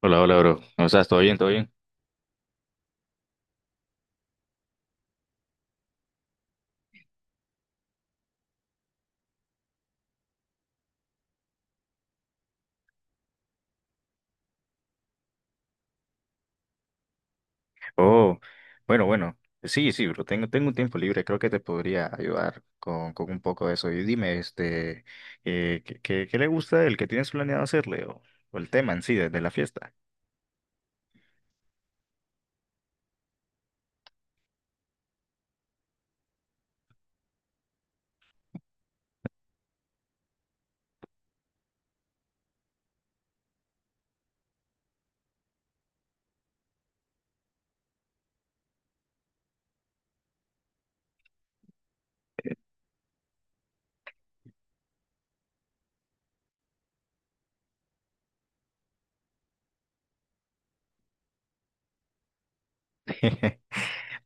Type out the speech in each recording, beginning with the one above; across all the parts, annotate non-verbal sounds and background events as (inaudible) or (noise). Hola, hola, bro. ¿Cómo estás? ¿Todo bien? ¿Todo bien? Oh, bueno, bueno. Sí, sí, bro. Tengo un tiempo libre. Creo que te podría ayudar con un poco de eso. Y dime, este, ¿qué le gusta el que tienes planeado hacerle? O el tema en sí de la fiesta. (laughs)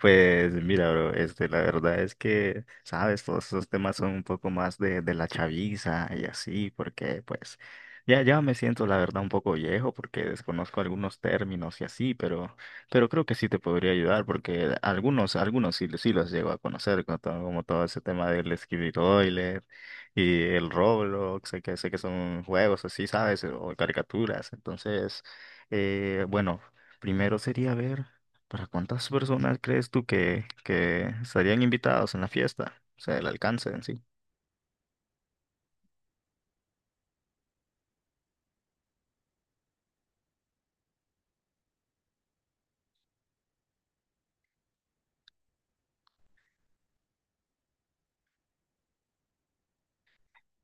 Pues mira, bro, este, la verdad es que, sabes, todos esos temas son un poco más de la chaviza y así, porque pues ya me siento la verdad un poco viejo porque desconozco algunos términos y así, pero creo que sí te podría ayudar porque algunos sí, sí los llego a conocer, como todo ese tema del Skibidi y el Roblox, sé que son juegos así, sabes, o caricaturas, entonces, bueno, primero sería ver. ¿Para cuántas personas crees tú que estarían invitados en la fiesta? O sea, el alcance en sí.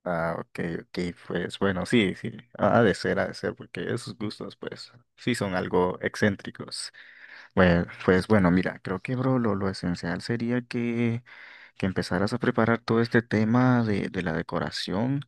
Ah, ok, ok, pues bueno, sí, sí, ha de ser, porque esos gustos, pues, sí son algo excéntricos. Bueno, pues bueno, mira, creo que, bro, lo esencial sería que empezaras a preparar todo este tema de la decoración.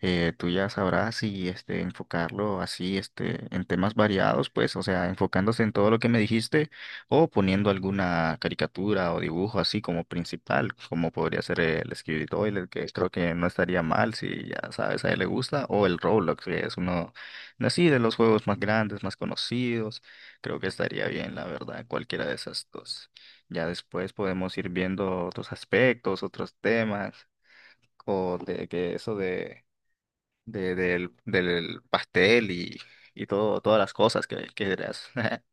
Tú ya sabrás si este, enfocarlo así este, en temas variados, pues, o sea, enfocándose en todo lo que me dijiste o poniendo alguna caricatura o dibujo así como principal, como podría ser el Skibidi Toilet, que creo que no estaría mal si ya sabes, a él le gusta, o el Roblox, que es uno así de los juegos más grandes, más conocidos. Creo que estaría bien, la verdad, cualquiera de esas dos. Ya después podemos ir viendo otros aspectos, otros temas, o de que eso del pastel y todas las cosas que dirás. (laughs)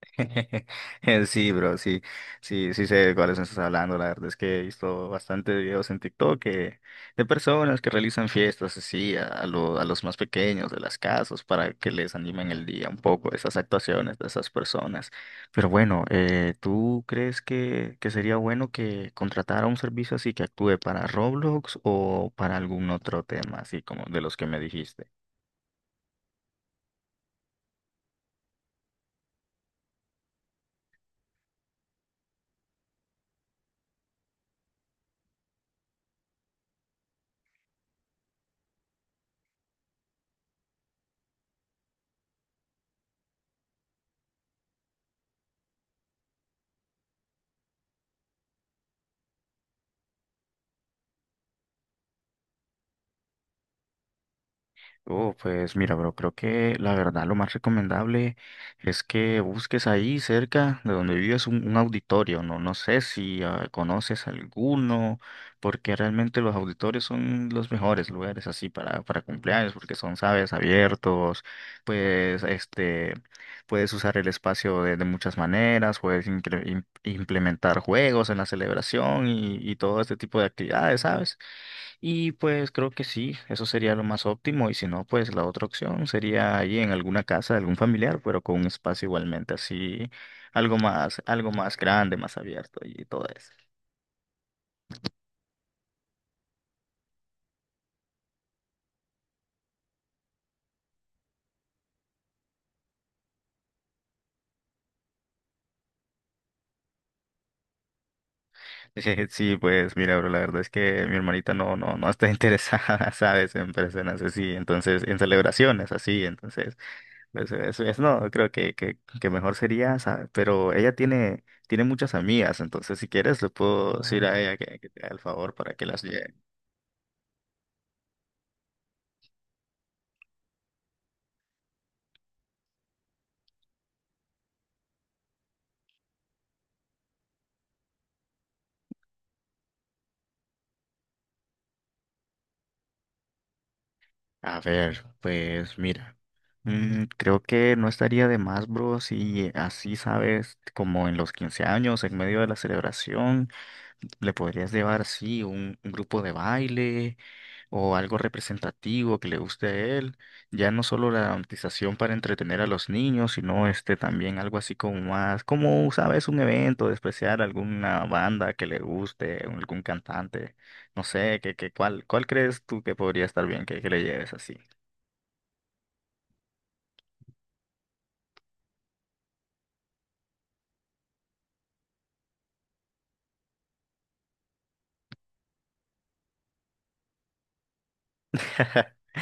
(laughs) Sí, bro, sí, sí, sí sé de cuáles estás hablando. La verdad es que he visto bastantes videos en TikTok de personas que realizan fiestas así a los más pequeños de las casas para que les animen el día un poco, esas actuaciones de esas personas. Pero bueno, ¿tú crees que sería bueno que contratara un servicio así que actúe para Roblox o para algún otro tema, así como de los que me dijiste? Oh, pues mira, bro, creo que la verdad lo más recomendable es que busques ahí cerca de donde vives un auditorio, ¿no? No sé si conoces alguno, porque realmente los auditorios son los mejores lugares así para cumpleaños, porque son, sabes, abiertos, pues, este, puedes usar el espacio de muchas maneras, puedes implementar juegos en la celebración y todo este tipo de actividades, ¿sabes? Y pues creo que sí, eso sería lo más óptimo. Y si no, pues la otra opción sería ahí en alguna casa de algún familiar, pero con un espacio igualmente así, algo más grande, más abierto y todo eso. (laughs) Sí, pues mira, bro, la verdad es que mi hermanita no, no, no está interesada, (laughs) ¿sabes? En personas así, entonces, en celebraciones así, entonces. Pues eso es, no, creo que mejor sería, ¿sabes? Pero ella tiene muchas amigas, entonces si quieres le puedo decir a ella que te haga el favor para que las lleve. A ver, pues mira, creo que no estaría de más, bro, si así, sabes, como en los 15 años, en medio de la celebración, le podrías llevar, sí, un grupo de baile o algo representativo que le guste a él. Ya no solo la dramatización para entretener a los niños, sino este también algo así como más, como, sabes, un evento de especial, alguna banda que le guste, algún cantante, no sé, ¿cuál crees tú que podría estar bien que le lleves así? (laughs)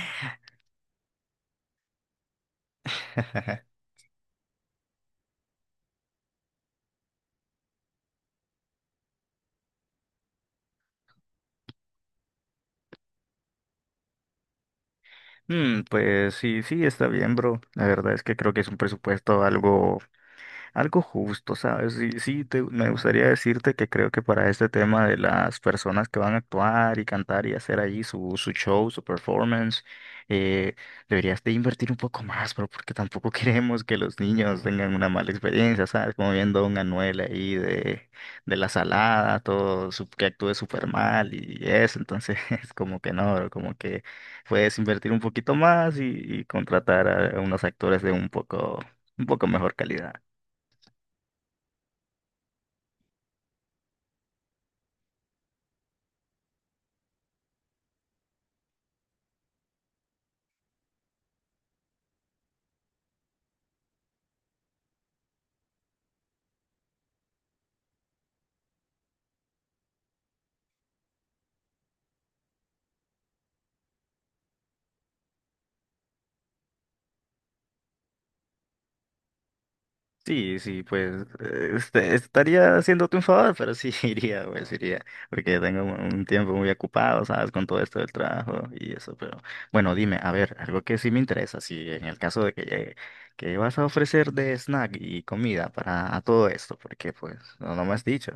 Pues sí, sí, está bien, bro. La verdad es que creo que es un presupuesto algo justo, ¿sabes? Sí, sí, me gustaría decirte que creo que para este tema de las personas que van a actuar y cantar y hacer allí su show, su performance, eh, deberías de invertir un poco más, pero porque tampoco (laughs) queremos que los niños tengan una mala experiencia, ¿sabes? Como viendo a un Anuel ahí de la salada, todo que actúe súper mal y eso, entonces (laughs) es como que no, como que puedes invertir un poquito más y contratar a unos actores de un poco mejor calidad. Sí, sí, pues este, estaría haciéndote un favor, pero sí (laughs) iría, pues iría, porque tengo un tiempo muy ocupado, ¿sabes? Con todo esto del trabajo y eso, pero bueno, dime, a ver, algo que sí me interesa, si en el caso de que llegue, ¿qué vas a ofrecer de snack y comida para todo esto? Porque pues no, no me has dicho.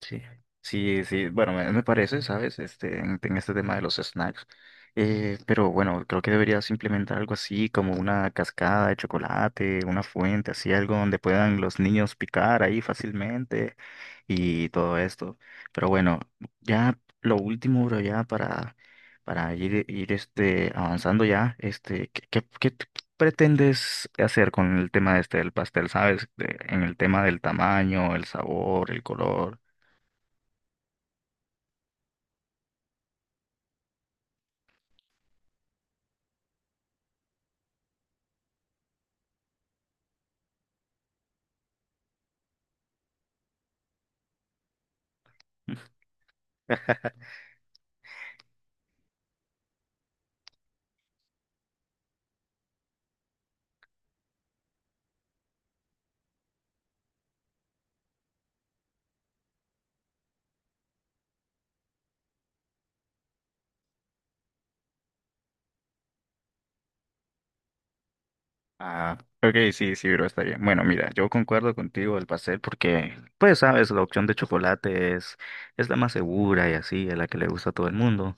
Sí, sí, sí, bueno, me parece, ¿sabes? Este, en, este tema de los snacks. Pero bueno, creo que deberías implementar algo así como una cascada de chocolate, una fuente, así algo donde puedan los niños picar ahí fácilmente y todo esto. Pero bueno, ya lo último, bro, ya para, ir este, avanzando ya, este, ¿qué pretendes hacer con el tema este del pastel, ¿sabes? En el tema del tamaño, el sabor, el color. Ah, ok, sí, sí, bro, está bien. Bueno, mira, yo concuerdo contigo el pastel porque, pues, sabes, la opción de chocolate es la más segura y así, es la que le gusta a todo el mundo.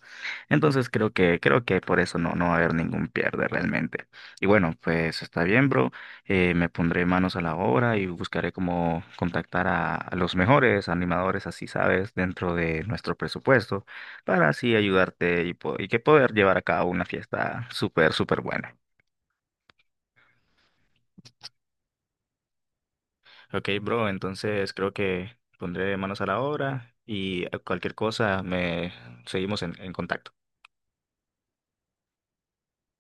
Entonces creo que por eso no va a haber ningún pierde realmente. Y bueno, pues está bien, bro. Me pondré manos a la obra y buscaré cómo contactar a los mejores animadores, así sabes, dentro de nuestro presupuesto, para así ayudarte y que poder llevar a cabo una fiesta súper, súper buena. Ok, bro, entonces creo que pondré manos a la obra y cualquier cosa me seguimos en, contacto.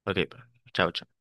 Ok, bro. Chao, chao.